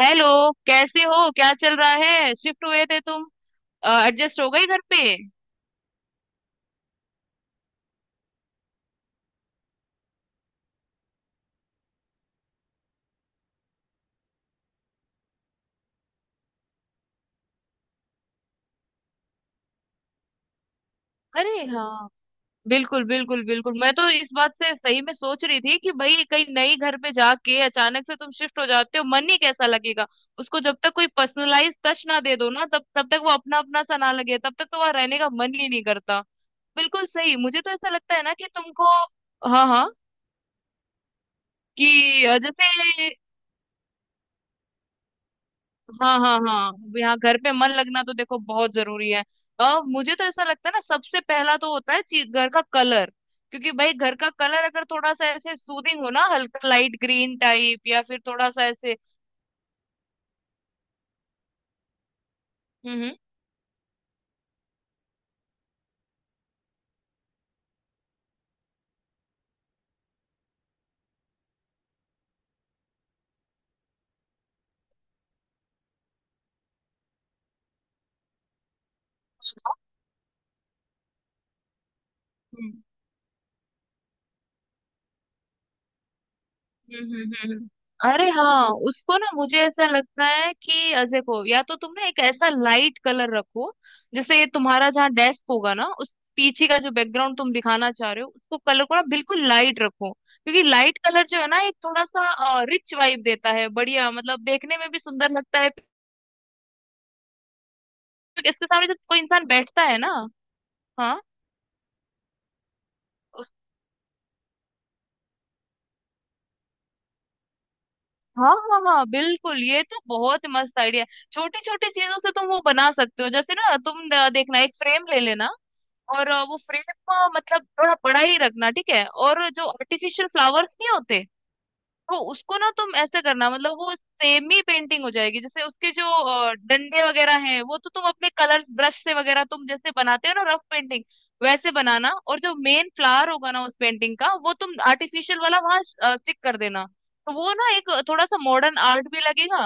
Hello. कैसे हो, क्या चल रहा है? शिफ्ट हुए थे तुम? एडजस्ट हो गई घर पे? अरे हाँ, बिल्कुल बिल्कुल बिल्कुल, मैं तो इस बात से सही में सोच रही थी कि भाई कहीं नई घर पे जाके अचानक से तुम शिफ्ट हो जाते हो, मन ही कैसा लगेगा। उसको जब तक कोई पर्सनलाइज टच ना दे दो ना, तब तब तक वो अपना अपना सा ना लगे, तब तक तो वहां रहने का मन ही नहीं करता। बिल्कुल सही, मुझे तो ऐसा लगता है ना कि तुमको। हाँ हाँ, कि जैसे। हाँ हाँ हाँ। यहाँ घर पे मन लगना तो देखो बहुत जरूरी है। और मुझे तो ऐसा लगता है ना, सबसे पहला तो होता है चीज घर का कलर। क्योंकि भाई घर का कलर अगर थोड़ा सा ऐसे सूदिंग हो ना, हल्का लाइट ग्रीन टाइप, या फिर थोड़ा सा ऐसे। हम्म हम्म हम्म हम्म हम्म। अरे हाँ, उसको ना मुझे ऐसा लगता है कि देखो या तो तुम ना एक ऐसा लाइट कलर रखो, जैसे ये तुम्हारा जहाँ डेस्क होगा ना उस पीछे का जो बैकग्राउंड तुम दिखाना चाह रहे हो उसको कलर को ना बिल्कुल लाइट रखो, क्योंकि लाइट कलर जो है ना एक थोड़ा सा रिच वाइब देता है, बढ़िया मतलब देखने में भी सुंदर लगता है। क्योंकि इसके सामने जब कोई इंसान बैठता है ना। हाँ। उस- हाँ हाँ हाँ, बिल्कुल, ये तो बहुत ही मस्त आइडिया है। छोटी छोटी चीजों से तुम वो बना सकते हो। जैसे ना तुम देखना, एक फ्रेम ले लेना और वो फ्रेम मतलब थोड़ा बड़ा ही रखना, ठीक है, और जो आर्टिफिशियल फ्लावर्स नहीं होते, तो उसको ना तुम ऐसे करना, मतलब वो सेमी पेंटिंग हो जाएगी। जैसे उसके जो डंडे वगैरह हैं, वो तो तुम अपने कलर्स ब्रश से वगैरह तुम जैसे बनाते हो ना रफ पेंटिंग, वैसे बनाना, और जो मेन फ्लावर होगा ना उस पेंटिंग का, वो तुम आर्टिफिशियल वाला वहां स्टिक कर देना। तो वो ना एक थोड़ा सा मॉडर्न आर्ट भी लगेगा।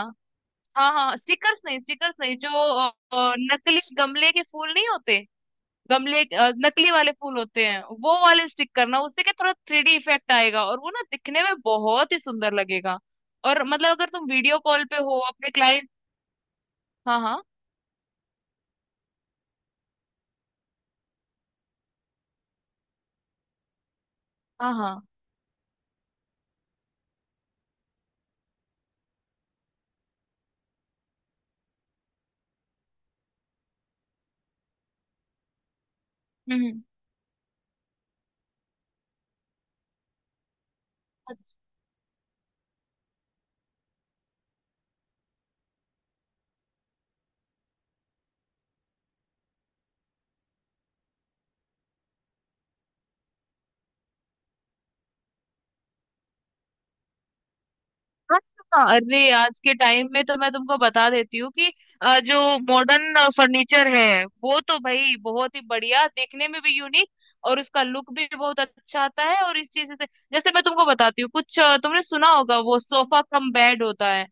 हाँ हाँ, स्टिकर्स नहीं, स्टिकर्स नहीं, जो नकली गमले के फूल नहीं होते, गमले नकली वाले फूल होते हैं, वो वाले स्टिक करना। उससे क्या थोड़ा 3D इफेक्ट आएगा और वो ना दिखने में बहुत ही सुंदर लगेगा। और मतलब अगर तुम वीडियो कॉल पे हो अपने क्लाइंट। हाँ हाँ हाँ हाँ। हम्म हम्म। हाँ, हाँ, हाँ। अरे आज के टाइम में तो मैं तुमको बता देती हूँ कि जो मॉडर्न फर्नीचर है वो तो भाई बहुत ही बढ़िया, देखने में भी यूनिक, और उसका लुक भी बहुत अच्छा आता है, और इस चीज से जैसे मैं तुमको बताती हूँ कुछ, तुमने सुना होगा वो सोफा कम बेड होता है।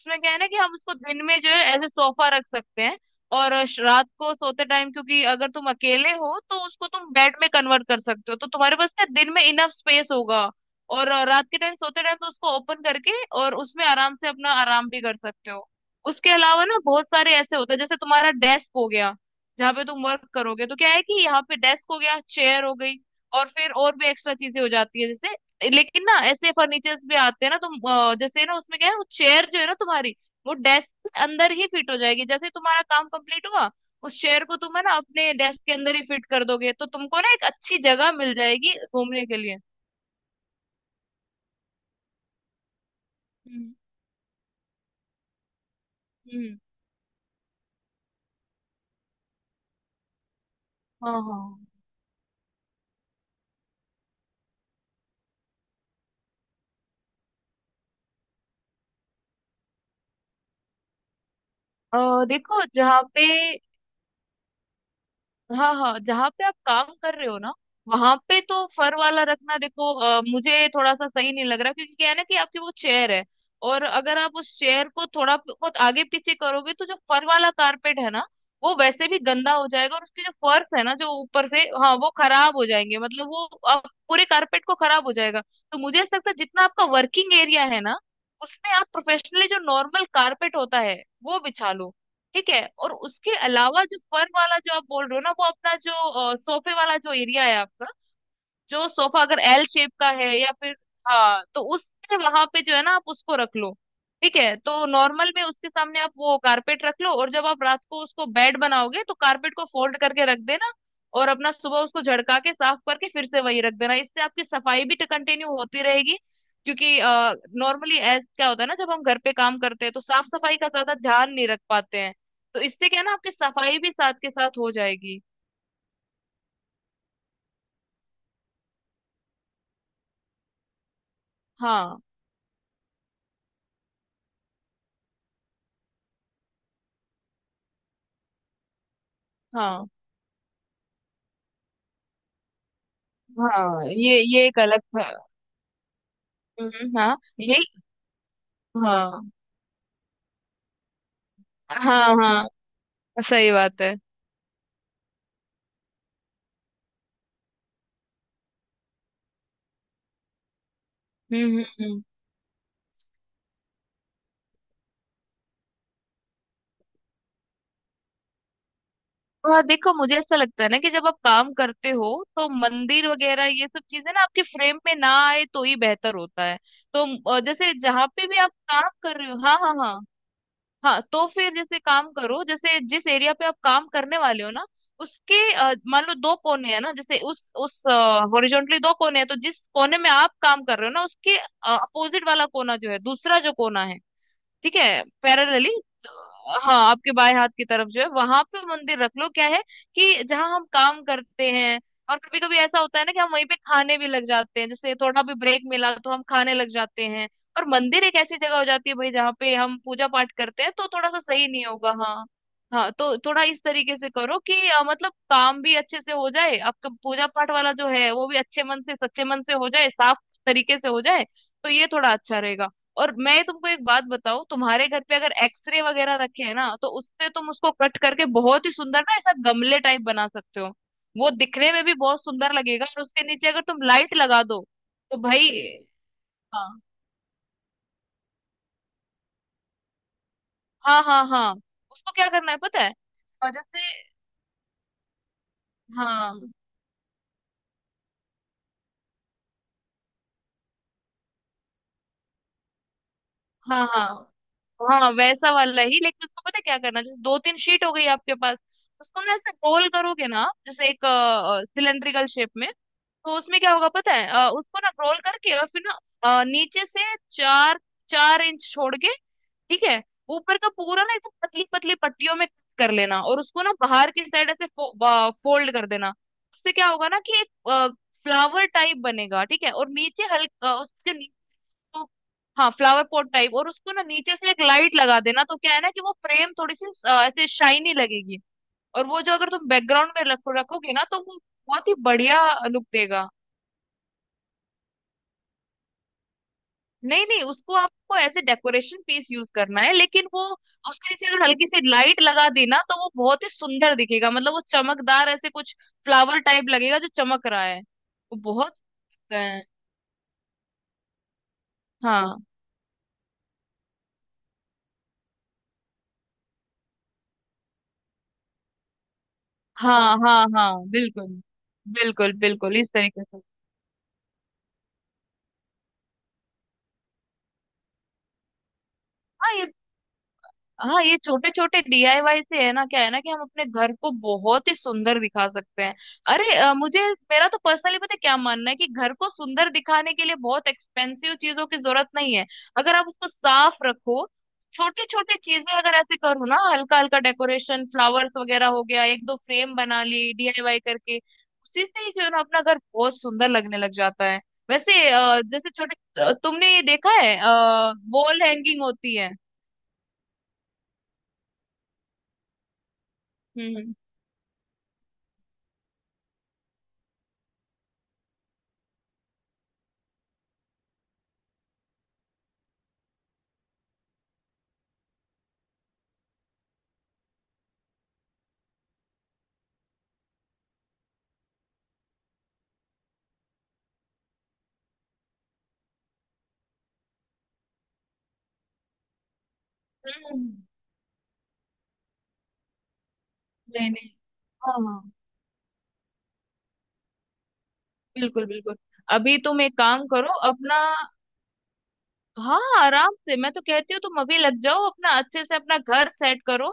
उसमें क्या है ना कि हम उसको दिन में जो है ऐसे सोफा रख सकते हैं, और रात को सोते टाइम, क्योंकि अगर तुम अकेले हो तो उसको तुम बेड में कन्वर्ट कर सकते हो, तो तुम्हारे पास ना दिन में इनफ स्पेस होगा, और रात के टाइम सोते टाइम तो उसको ओपन करके और उसमें आराम से अपना आराम भी कर सकते हो। उसके अलावा ना बहुत सारे ऐसे होते हैं, जैसे तुम्हारा डेस्क हो गया, जहाँ पे तुम वर्क करोगे, तो क्या है कि यहाँ पे डेस्क हो गया, चेयर हो गई, और फिर और भी एक्स्ट्रा चीजें हो जाती है जैसे, लेकिन ना ऐसे फर्नीचर्स भी आते हैं ना, तुम जैसे ना उसमें क्या है, वो चेयर जो है ना तुम्हारी, वो डेस्क के अंदर ही फिट हो जाएगी। जैसे तुम्हारा काम कंप्लीट हुआ, उस चेयर को तुम है ना अपने डेस्क के अंदर ही फिट कर दोगे, तो तुमको ना एक अच्छी जगह मिल जाएगी घूमने के लिए। हम्म। हम्म। हाँ हाँ। देखो जहाँ पे, हाँ हाँ, जहाँ पे आप काम कर रहे हो ना, वहां पे तो फर वाला रखना, देखो मुझे थोड़ा सा सही नहीं लग रहा, क्योंकि क्या है ना कि आपकी वो चेयर है, और अगर आप उस चेयर को थोड़ा बहुत आगे पीछे करोगे, तो जो फर वाला कारपेट है ना वो वैसे भी गंदा हो जाएगा, और उसके जो फर्श है ना जो ऊपर से, हाँ वो खराब हो जाएंगे, मतलब वो आप पूरे कारपेट को खराब हो जाएगा। तो मुझे ऐसा लगता है जितना आपका वर्किंग एरिया है ना, उसमें आप प्रोफेशनली जो नॉर्मल कारपेट होता है वो बिछा लो, ठीक है, और उसके अलावा जो फन वाला जो आप बोल रहे हो ना, वो अपना जो सोफे वाला जो एरिया है आपका, जो सोफा अगर L शेप का है या फिर, हाँ तो उससे वहां पे जो है ना आप उसको रख लो। ठीक है, तो नॉर्मल में उसके सामने आप वो कारपेट रख लो, और जब आप रात को उसको बेड बनाओगे तो कारपेट को फोल्ड करके रख देना, और अपना सुबह उसको झड़का के साफ करके फिर से वही रख देना, इससे आपकी सफाई भी कंटिन्यू होती रहेगी। क्योंकि नॉर्मली ऐसा क्या होता है ना जब हम घर पे काम करते हैं तो साफ सफाई का ज्यादा ध्यान नहीं रख पाते हैं, तो इससे क्या है ना आपकी सफाई भी साथ के साथ हो जाएगी। हाँ हाँ हाँ, ये एक अलग। हाँ यही। हाँ हाँ हाँ, सही बात है। हम्म हम्म हम्म। तो हाँ देखो, मुझे ऐसा लगता है ना कि जब आप काम करते हो तो मंदिर वगैरह ये सब चीजें ना आपके फ्रेम में ना आए तो ही बेहतर होता है। तो जैसे जहाँ पे भी आप काम कर रहे हो, हाँ हाँ हाँ हाँ, तो फिर जैसे काम करो, जैसे जिस एरिया पे आप काम करने वाले हो ना, उसके मान लो दो कोने हैं ना, जैसे उस हॉरिजॉन्टली दो कोने हैं, तो जिस कोने में आप काम कर रहे हो ना उसके अपोजिट वाला कोना जो है, दूसरा जो कोना है, ठीक है पैरेलली, हाँ आपके बाएं हाथ की तरफ जो है वहां पे मंदिर रख लो। क्या है कि जहाँ हम काम करते हैं, और कभी कभी ऐसा होता है ना कि हम वहीं पे खाने भी लग जाते हैं, जैसे थोड़ा भी ब्रेक मिला तो हम खाने लग जाते हैं, और मंदिर एक ऐसी जगह हो जाती है भाई जहाँ पे हम पूजा पाठ करते हैं, तो थोड़ा सा सही नहीं होगा। हाँ हाँ, तो थोड़ा इस तरीके से करो कि मतलब काम भी अच्छे से हो जाए आपका, पूजा पाठ वाला जो है वो भी अच्छे मन से सच्चे मन से हो जाए, साफ तरीके से हो जाए, तो ये थोड़ा अच्छा रहेगा। और मैं तुमको एक बात बताऊं, तुम्हारे घर पे अगर एक्सरे वगैरह रखे हैं ना तो उससे तुम उसको कट करके बहुत ही सुंदर ना ऐसा गमले टाइप बना सकते हो। वो दिखने में भी बहुत सुंदर लगेगा, और उसके नीचे अगर तुम लाइट लगा दो तो भाई। हाँ हाँ हाँ हाँ। उसको क्या करना है पता है। और जैसे, हाँ हाँ हाँ हाँ वैसा वाला ही, लेकिन उसको पता है क्या करना है? जैसे दो तीन शीट हो गई आपके पास, उसको ना ऐसे रोल करोगे ना जैसे एक सिलेंड्रिकल शेप में, तो उसमें क्या होगा पता है, उसको ना रोल करके और फिर ना नीचे से चार चार इंच छोड़ के, ठीक है, ऊपर का पूरा ना एकदम पतली पतली पट्टियों में कर लेना, और उसको ना बाहर की साइड ऐसे फोल्ड कर देना। उससे क्या होगा ना कि एक फ्लावर टाइप बनेगा, ठीक है, और नीचे हल्का उसके नीचे, हाँ फ्लावर पॉट टाइप, और उसको ना नीचे से एक लाइट लगा देना, तो क्या है ना कि वो फ्रेम थोड़ी सी ऐसे शाइनी लगेगी। और वो जो अगर तुम बैकग्राउंड में रखो रखोगे ना तो वो बहुत ही बढ़िया लुक देगा। नहीं नहीं, उसको आपको ऐसे डेकोरेशन पीस यूज करना है, लेकिन वो उसके नीचे अगर हल्की सी लाइट लगा दी ना तो वो बहुत ही सुंदर दिखेगा, मतलब वो चमकदार ऐसे कुछ फ्लावर टाइप लगेगा जो चमक रहा है, वो बहुत। अ, हाँ हाँ हाँ हाँ, बिल्कुल बिल्कुल बिल्कुल, इस तरीके से। हाँ ये, हाँ ये छोटे छोटे डीआईवाई से है ना, क्या है ना कि हम अपने घर को बहुत ही सुंदर दिखा सकते हैं। अरे मुझे मेरा तो पर्सनली पता है क्या मानना है, कि घर को सुंदर दिखाने के लिए बहुत एक्सपेंसिव चीजों की जरूरत नहीं है। अगर आप उसको साफ रखो, छोटे छोटे चीजें अगर ऐसे करो ना, हल्का हल्का डेकोरेशन, फ्लावर्स वगैरह हो गया, एक दो फ्रेम बना ली डीआईवाई करके, उसी से ही जो है ना अपना घर बहुत सुंदर लगने लग जाता है। वैसे जैसे छोटे तुमने ये देखा है, वॉल हैंगिंग होती है। हम्म हम्म। हम्म, नहीं नहीं। हाँ, बिल्कुल बिल्कुल। अभी तुम एक काम करो अपना, हाँ, आराम से, मैं तो कहती हूँ तुम अभी लग जाओ अपना, अच्छे से अपना घर सेट करो।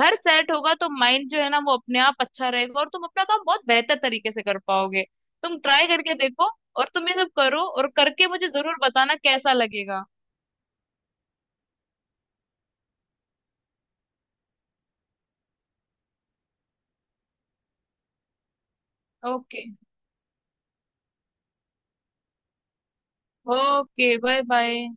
घर सेट होगा तो माइंड जो है ना वो अपने आप अच्छा रहेगा और तुम अपना काम बहुत बेहतर तरीके से कर पाओगे। तुम ट्राई करके देखो। और तुम ये सब करो, और करके मुझे जरूर बताना कैसा लगेगा। ओके। Okay bye bye.